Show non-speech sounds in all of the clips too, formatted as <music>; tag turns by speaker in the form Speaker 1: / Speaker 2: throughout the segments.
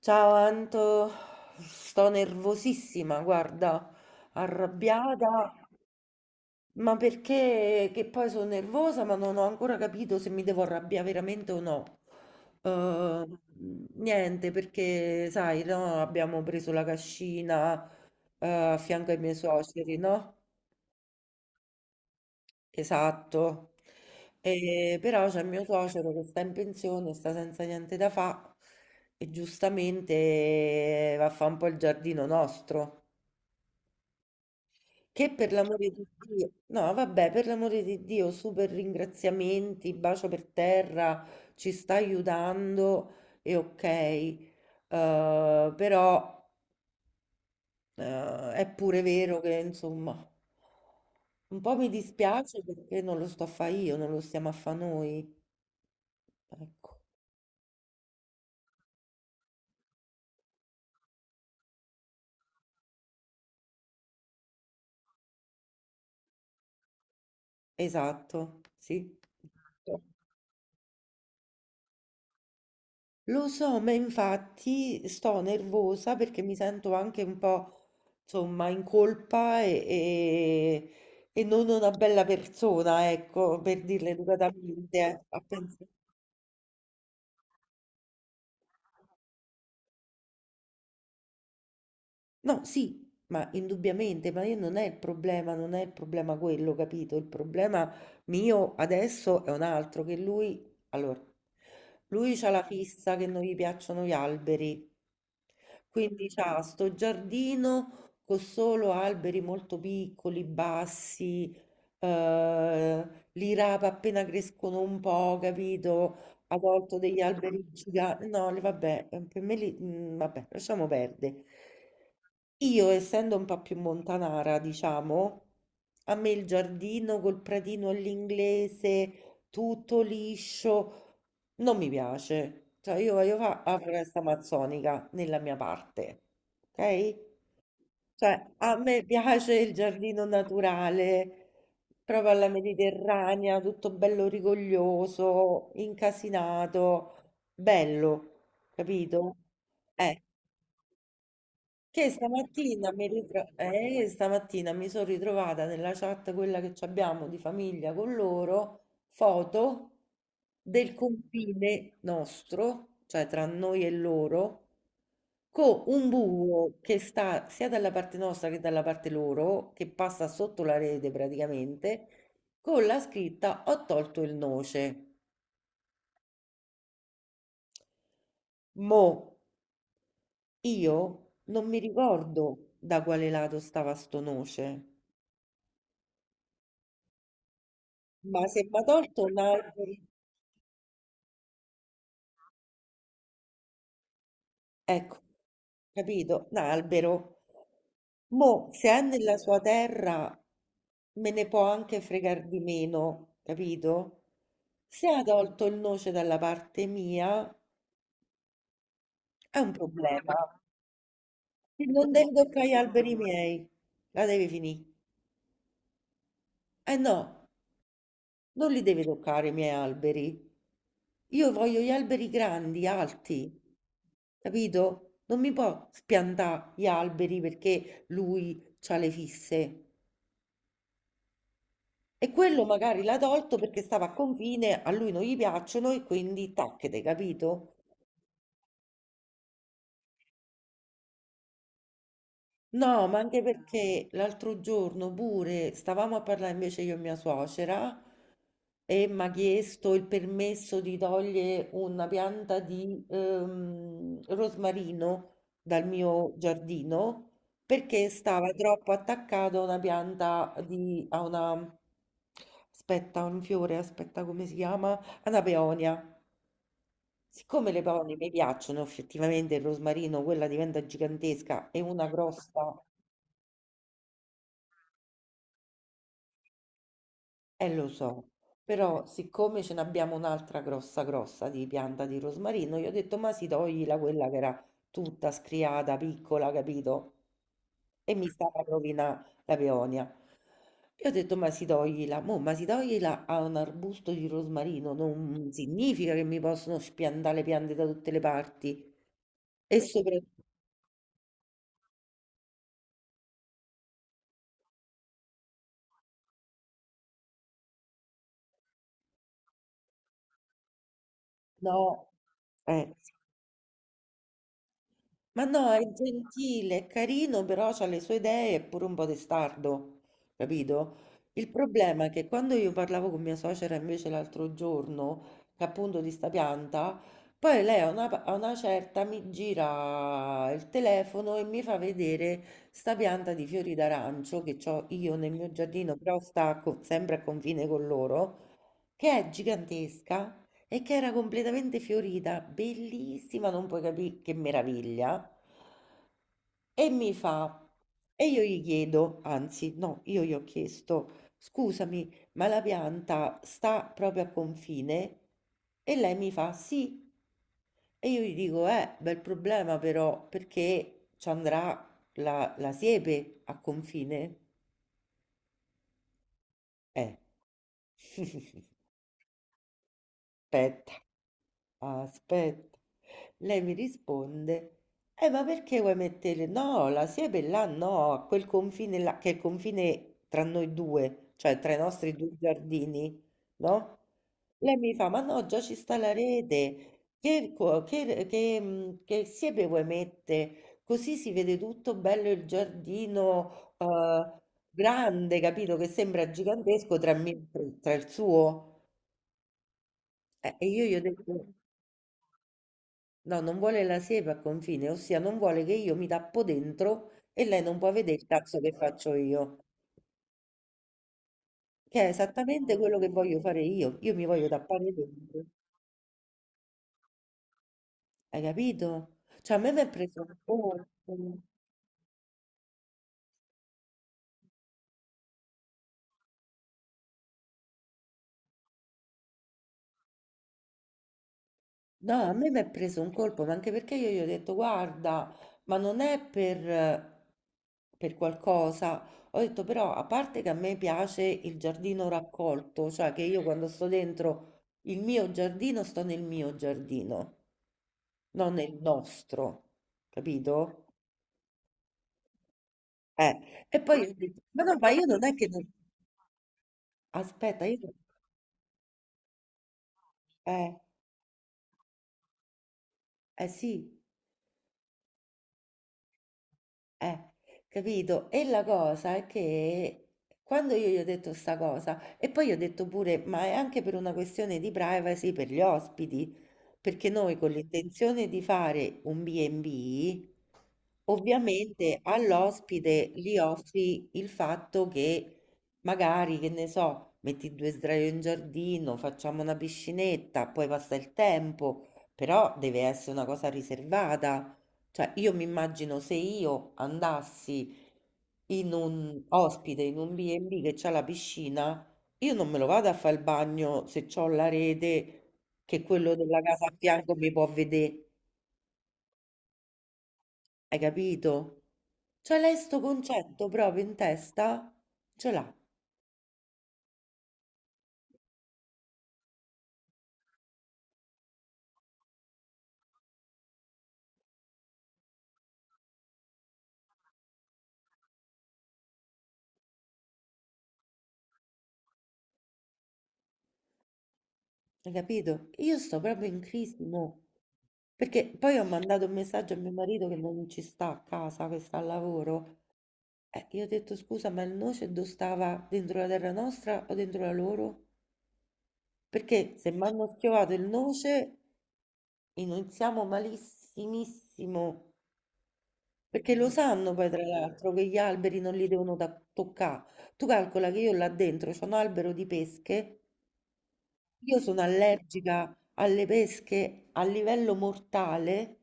Speaker 1: Ciao Anto, sto nervosissima, guarda, arrabbiata, ma perché che poi sono nervosa, ma non ho ancora capito se mi devo arrabbiare veramente o no. Eh, Niente, perché sai, no, abbiamo preso la cascina, a fianco ai miei suoceri, no? Esatto. E però c'è mio suocero che sta in pensione, sta senza niente da fa e giustamente va a fa un po' il giardino nostro. Che per l'amore di Dio, no, vabbè, per l'amore di Dio, super ringraziamenti, bacio per terra, ci sta aiutando e ok. Però è pure vero che insomma. Un po' mi dispiace perché non lo sto a fare io, non lo stiamo a fare noi. Ecco, esatto, sì. Esatto. Lo so, ma infatti sto nervosa perché mi sento anche un po', insomma, in colpa e non una bella persona, ecco, per dirla educatamente. No, sì, ma indubbiamente, ma io non è il problema, non è il problema quello, capito? Il problema mio adesso è un altro, che lui, allora, lui c'ha la fissa che non gli piacciono gli alberi. Quindi c'ha sto giardino con solo alberi molto piccoli, bassi, eh, li rapa appena crescono un po', capito? Ha tolto degli alberi giganti. No, vabbè, per me vabbè, lasciamo perdere. Io, essendo un po' più montanara, diciamo, a me il giardino col pratino all'inglese, tutto liscio, non mi piace. Cioè, io voglio fare la foresta amazzonica nella mia parte, ok? Cioè, a me piace il giardino naturale, proprio alla mediterranea, tutto bello rigoglioso, incasinato, bello, capito? Eh, che stamattina mi, ritro- Stamattina mi sono ritrovata nella chat, quella che ci abbiamo di famiglia con loro, foto del confine nostro, cioè tra noi e loro, con un buco che sta sia dalla parte nostra che dalla parte loro, che passa sotto la rete praticamente, con la scritta Ho tolto il noce. Mo, io non mi ricordo da quale lato stava sto noce. Ma se mi ha tolto un albero, ecco, capito, un albero, mo se è nella sua terra me ne può anche fregar di meno, capito? Se ha tolto il noce dalla parte mia è un problema. Se non devi toccare gli alberi miei, la devi finire. Eh no. Non li devi toccare i miei alberi. Io voglio gli alberi grandi, alti, capito? Non mi può spiantare gli alberi perché lui ha le fisse. E quello magari l'ha tolto perché stava a confine, a lui non gli piacciono e quindi tacchete, capito? No, ma anche perché l'altro giorno pure stavamo a parlare invece io e mia suocera e mi ha chiesto il permesso di togliere una pianta di rosmarino dal mio giardino perché stava troppo attaccata a una pianta di, a una, aspetta, un fiore, aspetta come si chiama? A una peonia. Siccome le peonie mi piacciono effettivamente il rosmarino, quella diventa gigantesca e una grossa. Lo so, però siccome ce n'abbiamo un'altra grossa grossa di pianta di rosmarino, io ho detto, ma si togli la quella che era tutta scriata, piccola, capito? E mi stava a rovinare la peonia. Io ho detto, ma si toglila, mo, ma si toglila a un arbusto di rosmarino, non significa che mi possono spiantare le piante da tutte le parti. E soprattutto, no, eh, ma no, è gentile, è carino, però ha le sue idee, è pure un po' testardo, capito? Il problema è che quando io parlavo con mia suocera invece l'altro giorno, che appunto di sta pianta, poi lei a una certa mi gira il telefono e mi fa vedere sta pianta di fiori d'arancio che ho io nel mio giardino, però sempre a confine con loro, che è gigantesca e che era completamente fiorita, bellissima, non puoi capire che meraviglia. E mi fa, e io gli chiedo, anzi, no, io gli ho chiesto, scusami, ma la pianta sta proprio a confine? E lei mi fa, sì. E io gli dico, bel problema però, perché ci andrà la siepe a confine? Eh, <laughs> aspetta. Aspetta, lei mi risponde, ma perché vuoi mettere? No, la siepe là no, a quel confine là, che è il confine tra noi due, cioè tra i nostri due giardini, no? Lei mi fa, ma no, già ci sta la rete, che, co- che, mm, che siepe vuoi mettere? Così si vede tutto bello il giardino grande, capito? Che sembra gigantesco tra il suo. E io gli ho detto... No, non vuole la siepe a confine, ossia non vuole che io mi tappo dentro e lei non può vedere il cazzo che faccio io, che è esattamente quello che voglio fare io. Io mi voglio tappare dentro, hai capito? Cioè, a me mi è preso un colpo. No, a me mi è preso un colpo, ma anche perché io gli ho detto, guarda, ma non è per qualcosa. Ho detto, però, a parte che a me piace il giardino raccolto, cioè che io quando sto dentro il mio giardino, sto nel mio giardino. Non è il nostro, capito? E poi io dico, ma no, ma io non è che... Aspetta, io... Eh, eh sì, Eh, capito? E la cosa è che quando io gli ho detto sta cosa, e poi gli ho detto pure, ma è anche per una questione di privacy per gli ospiti, perché noi con l'intenzione di fare un B&B, ovviamente all'ospite gli offri il fatto che magari, che ne so, metti due sdraio in giardino, facciamo una piscinetta, poi passa il tempo, però deve essere una cosa riservata. Cioè, io mi immagino se io andassi in un ospite, in un B&B che c'ha la piscina, io non me lo vado a fare il bagno se c'ho la rete che quello della casa a fianco mi può vedere. Hai capito? Cioè, lei sto concetto proprio in testa ce l'ha, hai capito? Io sto proprio in crisi, mo. Perché poi ho mandato un messaggio a mio marito che non ci sta a casa, che sta al lavoro. Io ho detto scusa, ma il noce dove stava? Dentro la terra nostra o dentro la loro? Perché se mi hanno schiovato il noce iniziamo malissimissimo, perché lo sanno poi tra l'altro che gli alberi non li devono toccare. Tu calcola che io là dentro c'ho un albero di pesche, io sono allergica alle pesche a livello mortale,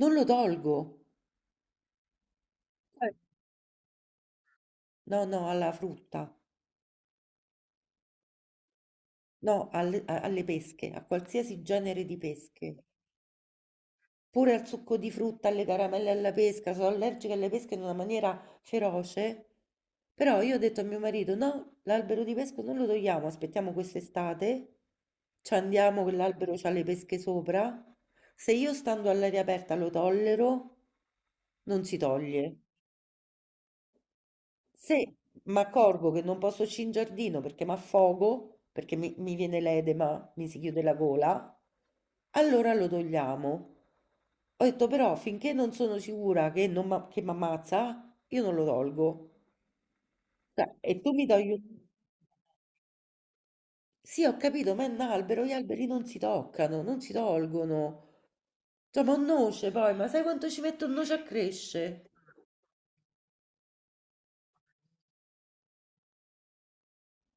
Speaker 1: non lo tolgo. Eh, No, no, alla frutta, no, alle pesche, a qualsiasi genere di pesche. Pure al succo di frutta, alle caramelle alla pesca, sono allergica alle pesche in una maniera feroce. Però io ho detto a mio marito: no, l'albero di pesca non lo togliamo, aspettiamo quest'estate, ci andiamo, quell'albero c'ha le pesche sopra. Se io stando all'aria aperta lo tollero, non si toglie. Se mi accorgo che non posso uscire in giardino perché mi affogo, perché mi viene l'edema, mi si chiude la gola, allora lo togliamo. Ho detto però finché non sono sicura che non che mi ammazza, io non lo tolgo. Cioè, e tu mi togli... Sì, ho capito, ma è un albero, gli alberi non si toccano, non si tolgono. Cioè, ma un noce poi, ma sai quanto ci mette un noce a crescere?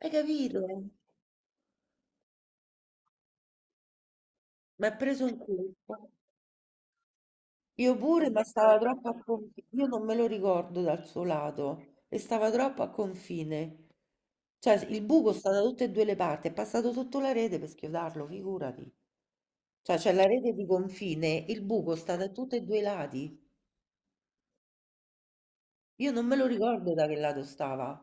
Speaker 1: Hai capito? Mi ha preso un colpo. Io pure, ma stava troppo a confine. Io non me lo ricordo dal suo lato e stava troppo a confine. Cioè, il buco sta da tutte e due le parti, è passato sotto la rete per schiodarlo, figurati. Cioè, c'è la rete di confine, il buco sta da tutti e due i lati. Io non me lo ricordo da che lato stava.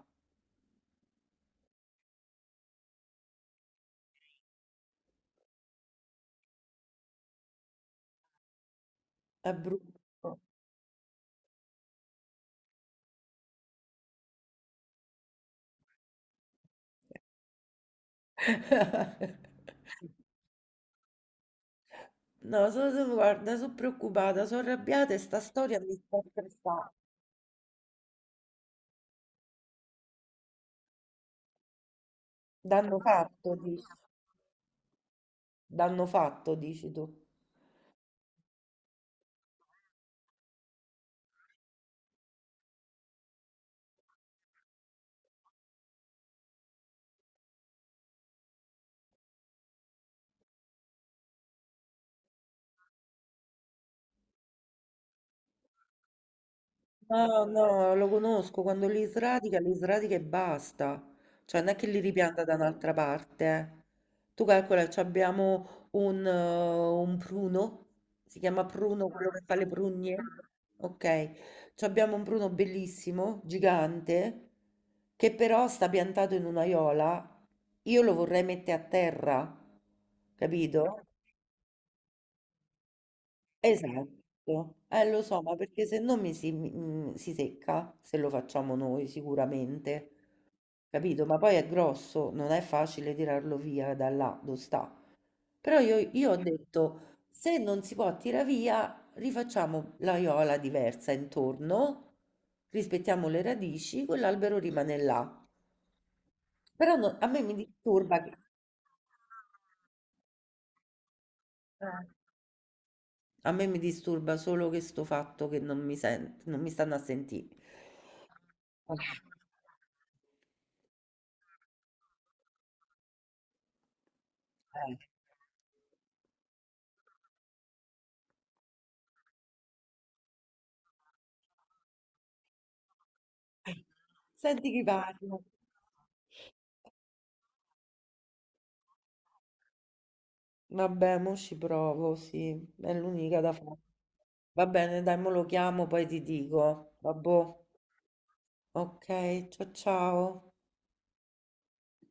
Speaker 1: È brutto. <laughs> No, guarda, sono preoccupata, sono arrabbiata e sta storia mi sta stressando. Danno fatto, dici. Danno fatto, dici tu. No, no, lo conosco, quando li sradica e basta, cioè non è che li ripianta da un'altra parte. Eh. Tu calcola, ci abbiamo un pruno, si chiama pruno quello che fa le prugne, ok? Ci abbiamo un pruno bellissimo, gigante, che però sta piantato in un'aiola, io lo vorrei mettere a terra, capito? Esatto, lo so, ma perché se no mi si, mi- mm, si secca se lo facciamo noi sicuramente, capito? Ma poi è grosso, non è facile tirarlo via da là dove sta. Però io ho detto, se non si può tirare via, rifacciamo l'aiola diversa intorno, rispettiamo le radici, quell'albero rimane là. Però a me mi disturba che... Eh. A me mi disturba solo questo fatto che non mi stanno a sentire. Eh. Senti chi parla. Vabbè, mo ci provo, sì, è l'unica da fare. Va bene, dai, mo lo chiamo, poi ti dico. Vabbè, ok, ciao ciao.